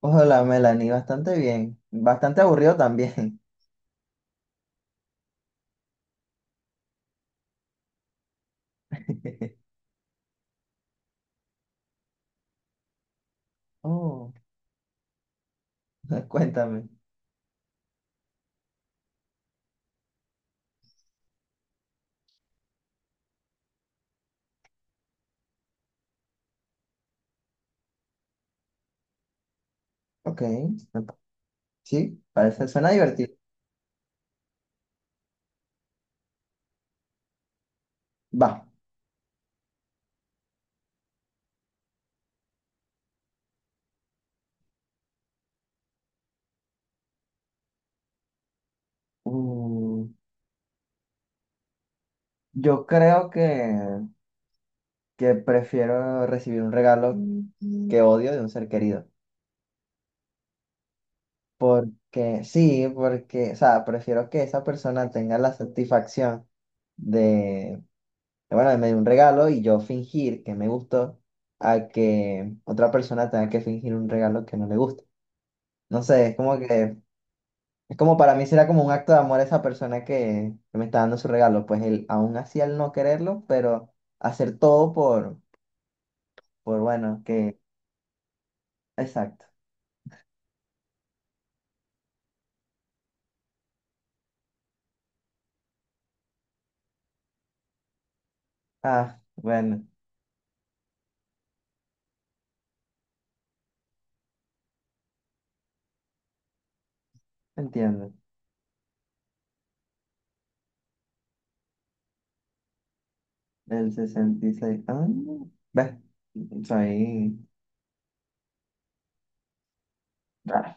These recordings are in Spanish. Hola, Melanie, bastante bien. Bastante aburrido también. Oh, cuéntame. Ok. me pa- Sí, parece, suena divertido. Va. Mm, yo creo que prefiero recibir un regalo Mm. que odio de un ser querido. Porque, sí, porque, o sea, prefiero que esa persona tenga la satisfacción de, de, bueno, de me dio un regalo y yo fingir que me gustó a que otra persona tenga que fingir un regalo que no le gusta. No sé, es como que, es como para mí será como un acto de amor a esa persona que me está dando su regalo, pues él, aún así al no quererlo, pero hacer todo por bueno, que. Exacto. Ah, bueno, entiendo. El 66 ah, ves, soy rara.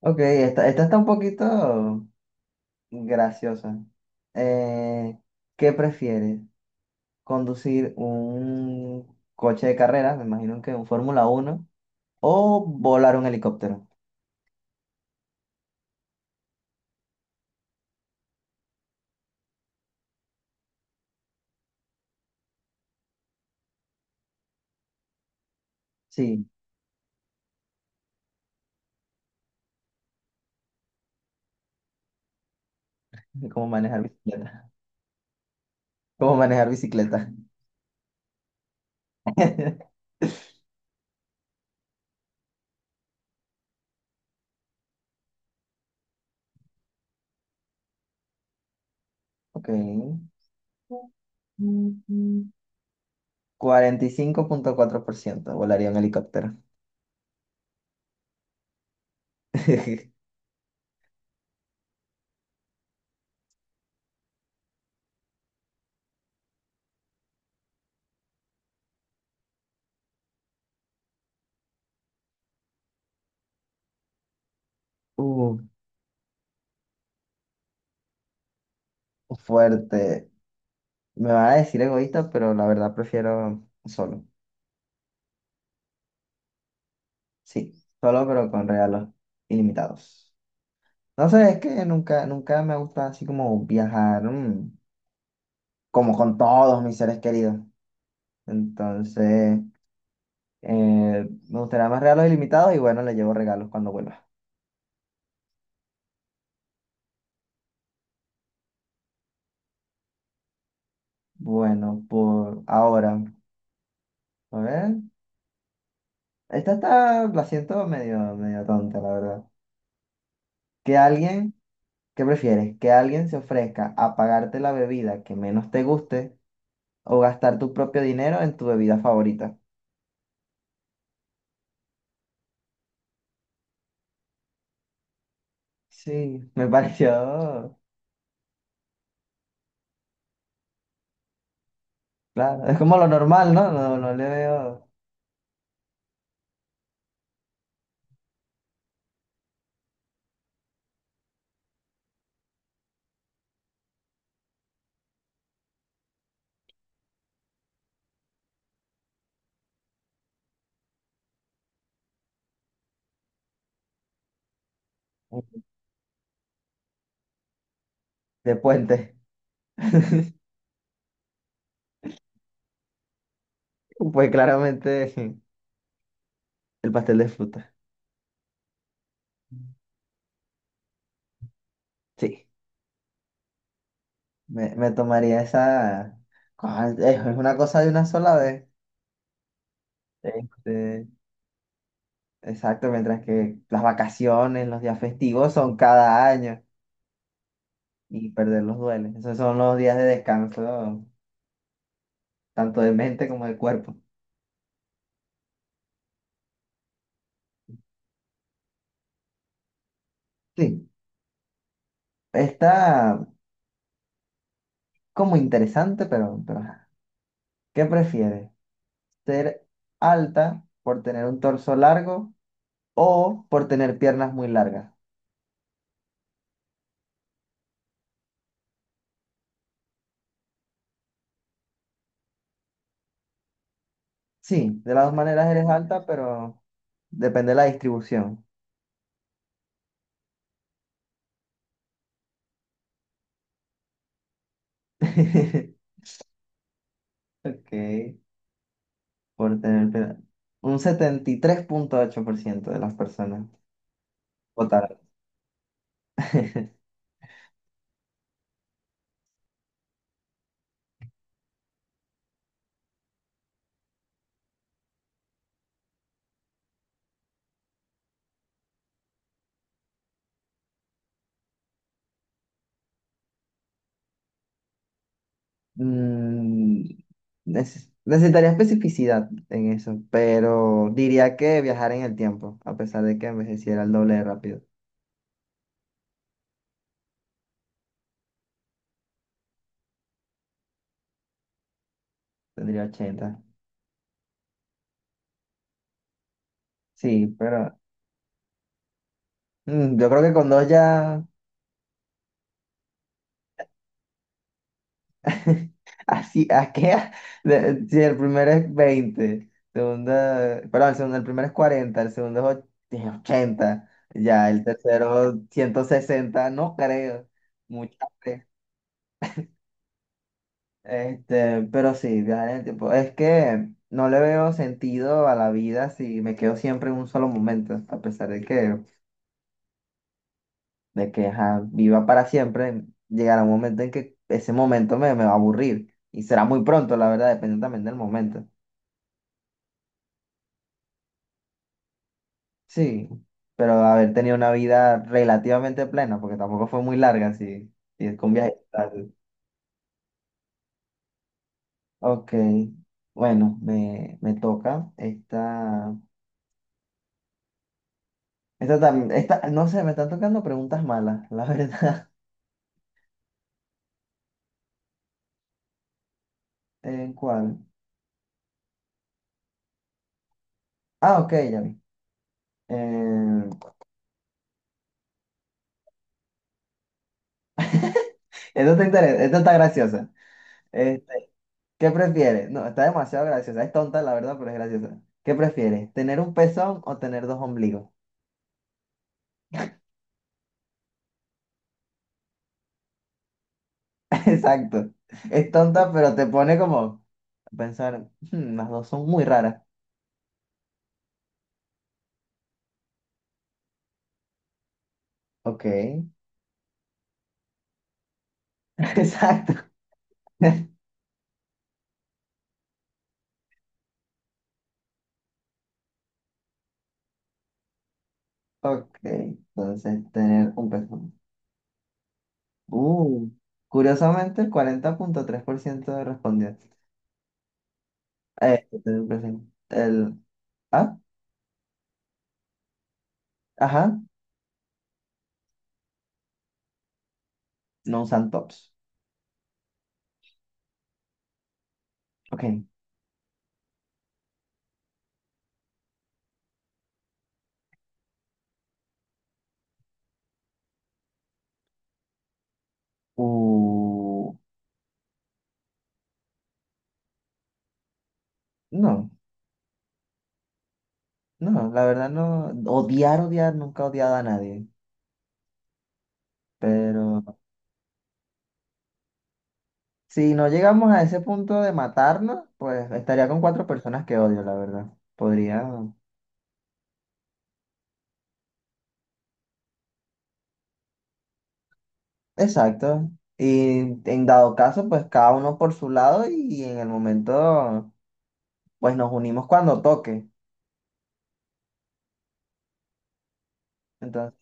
Ok, esta está un poquito graciosa. Eh, ¿Qué prefieres? ¿Conducir un coche de carrera? Me imagino que un Fórmula uno. ¿O volar un helicóptero? Sí, es como manejar bicicleta. Como manejar bicicleta. Ok. 45.4% volaría un helicóptero. Uh, fuerte. Me van a decir egoísta, pero la verdad prefiero solo. Sí, solo pero con regalos ilimitados. No sé, es que nunca, nunca me gusta así como viajar, como con todos mis seres queridos. Entonces, Eh, me gustaría más regalos ilimitados y bueno, le llevo regalos cuando vuelva. Bueno, por ahora, a ver. Esta está, la siento medio, medio tonta, la verdad. Que alguien, ¿Qué prefieres? Que alguien se ofrezca a pagarte la bebida que menos te guste o gastar tu propio dinero en tu bebida favorita. Sí, me pareció, claro, es como lo normal, ¿no? No, no le veo. De puente. Pues claramente el pastel de fruta. Sí. Me tomaría esa. ¿Cuál? Es una cosa de una sola vez. Este, exacto, mientras que las vacaciones, los días festivos son cada año y perderlos duele. Esos son los días de descanso, tanto de mente como de cuerpo. Sí, está como interesante, pero ajá. ¿Qué prefieres? ¿Ser alta por tener un torso largo o por tener piernas muy largas? Sí, de las dos maneras eres alta, pero depende de la distribución. Ok, por tener pena. Un 73.8% de las personas votaron. Mm, necesitaría especificidad en eso, pero diría que viajar en el tiempo, a pesar de que envejeciera el doble de rápido. Tendría 80. Sí, pero yo creo que con dos ya. Así, ¿a qué? Si el primero es 20, segunda, perdón, el segundo, el primero es 40, el segundo es 80, ya, el tercero 160, no creo, muchas veces. Este, pero sí, viajar en el tiempo. Es que no le veo sentido a la vida si me quedo siempre en un solo momento, a pesar de que, ajá, viva para siempre, llegará un momento en que ese momento me va a aburrir. Y será muy pronto, la verdad, depende también del momento. Sí, pero haber tenido una vida relativamente plena, porque tampoco fue muy larga, sí, sí, es con viaje tal. Ok, bueno, me toca. Esta, no sé, me están tocando preguntas malas, la verdad. ¿En ¿cuál? Ah, ok, ya vi. Eh, esto está graciosa. Este, ¿qué prefieres? No, está demasiado graciosa. Es tonta, la verdad, pero es graciosa. ¿Qué prefieres? ¿Tener un pezón o tener dos ombligos? Exacto. Es tonta, pero te pone como a pensar, "Hmm, las dos son muy raras." Ok. Exacto. Ok. Entonces, tener un pezón. Uh, curiosamente, el 40.3% respondió. Tener un pezón. Ah, ajá, no usan tops. Ok. Uh, no, no, la verdad no. Odiar, odiar, nunca he odiado a nadie, pero si no llegamos a ese punto de matarnos, pues estaría con cuatro personas que odio, la verdad. Podría. Exacto. Y en dado caso, pues cada uno por su lado y en el momento, pues nos unimos cuando toque. Entonces,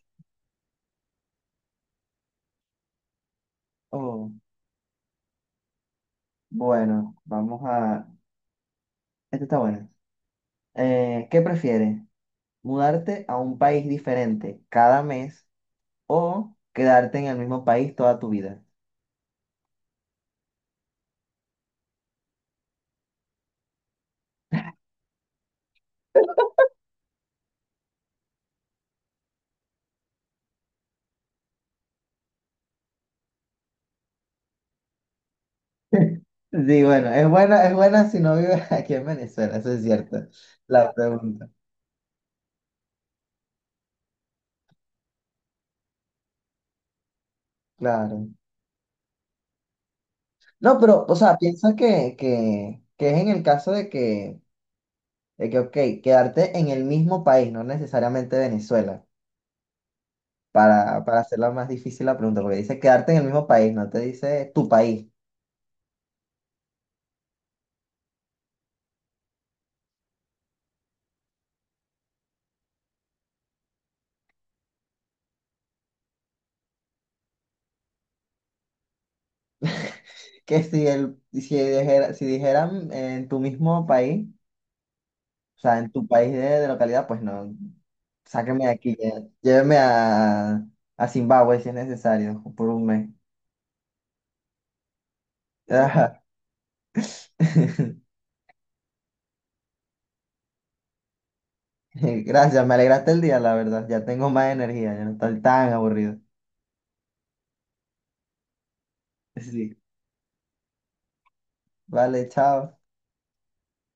oh, bueno, vamos a. Esta está buena. ¿Qué prefieres? ¿Mudarte a un país diferente cada mes o quedarte en el mismo país toda tu vida? Sí, bueno, es buena si no vives aquí en Venezuela, eso es cierto. La pregunta, claro. No, pero, o sea, piensa que es en el caso de que, ok, quedarte en el mismo país, no necesariamente Venezuela, para hacerla más difícil la pregunta, porque dice quedarte en el mismo país, no te dice tu país. Que si dijera, si dijeran en tu mismo país, o sea, en tu país de localidad, pues no. Sáqueme de aquí, lléveme a Zimbabue si es necesario, por un mes. Ajá. Gracias, me alegraste el día, la verdad. Ya tengo más energía, ya no estoy tan aburrido. Sí. Vale, chao.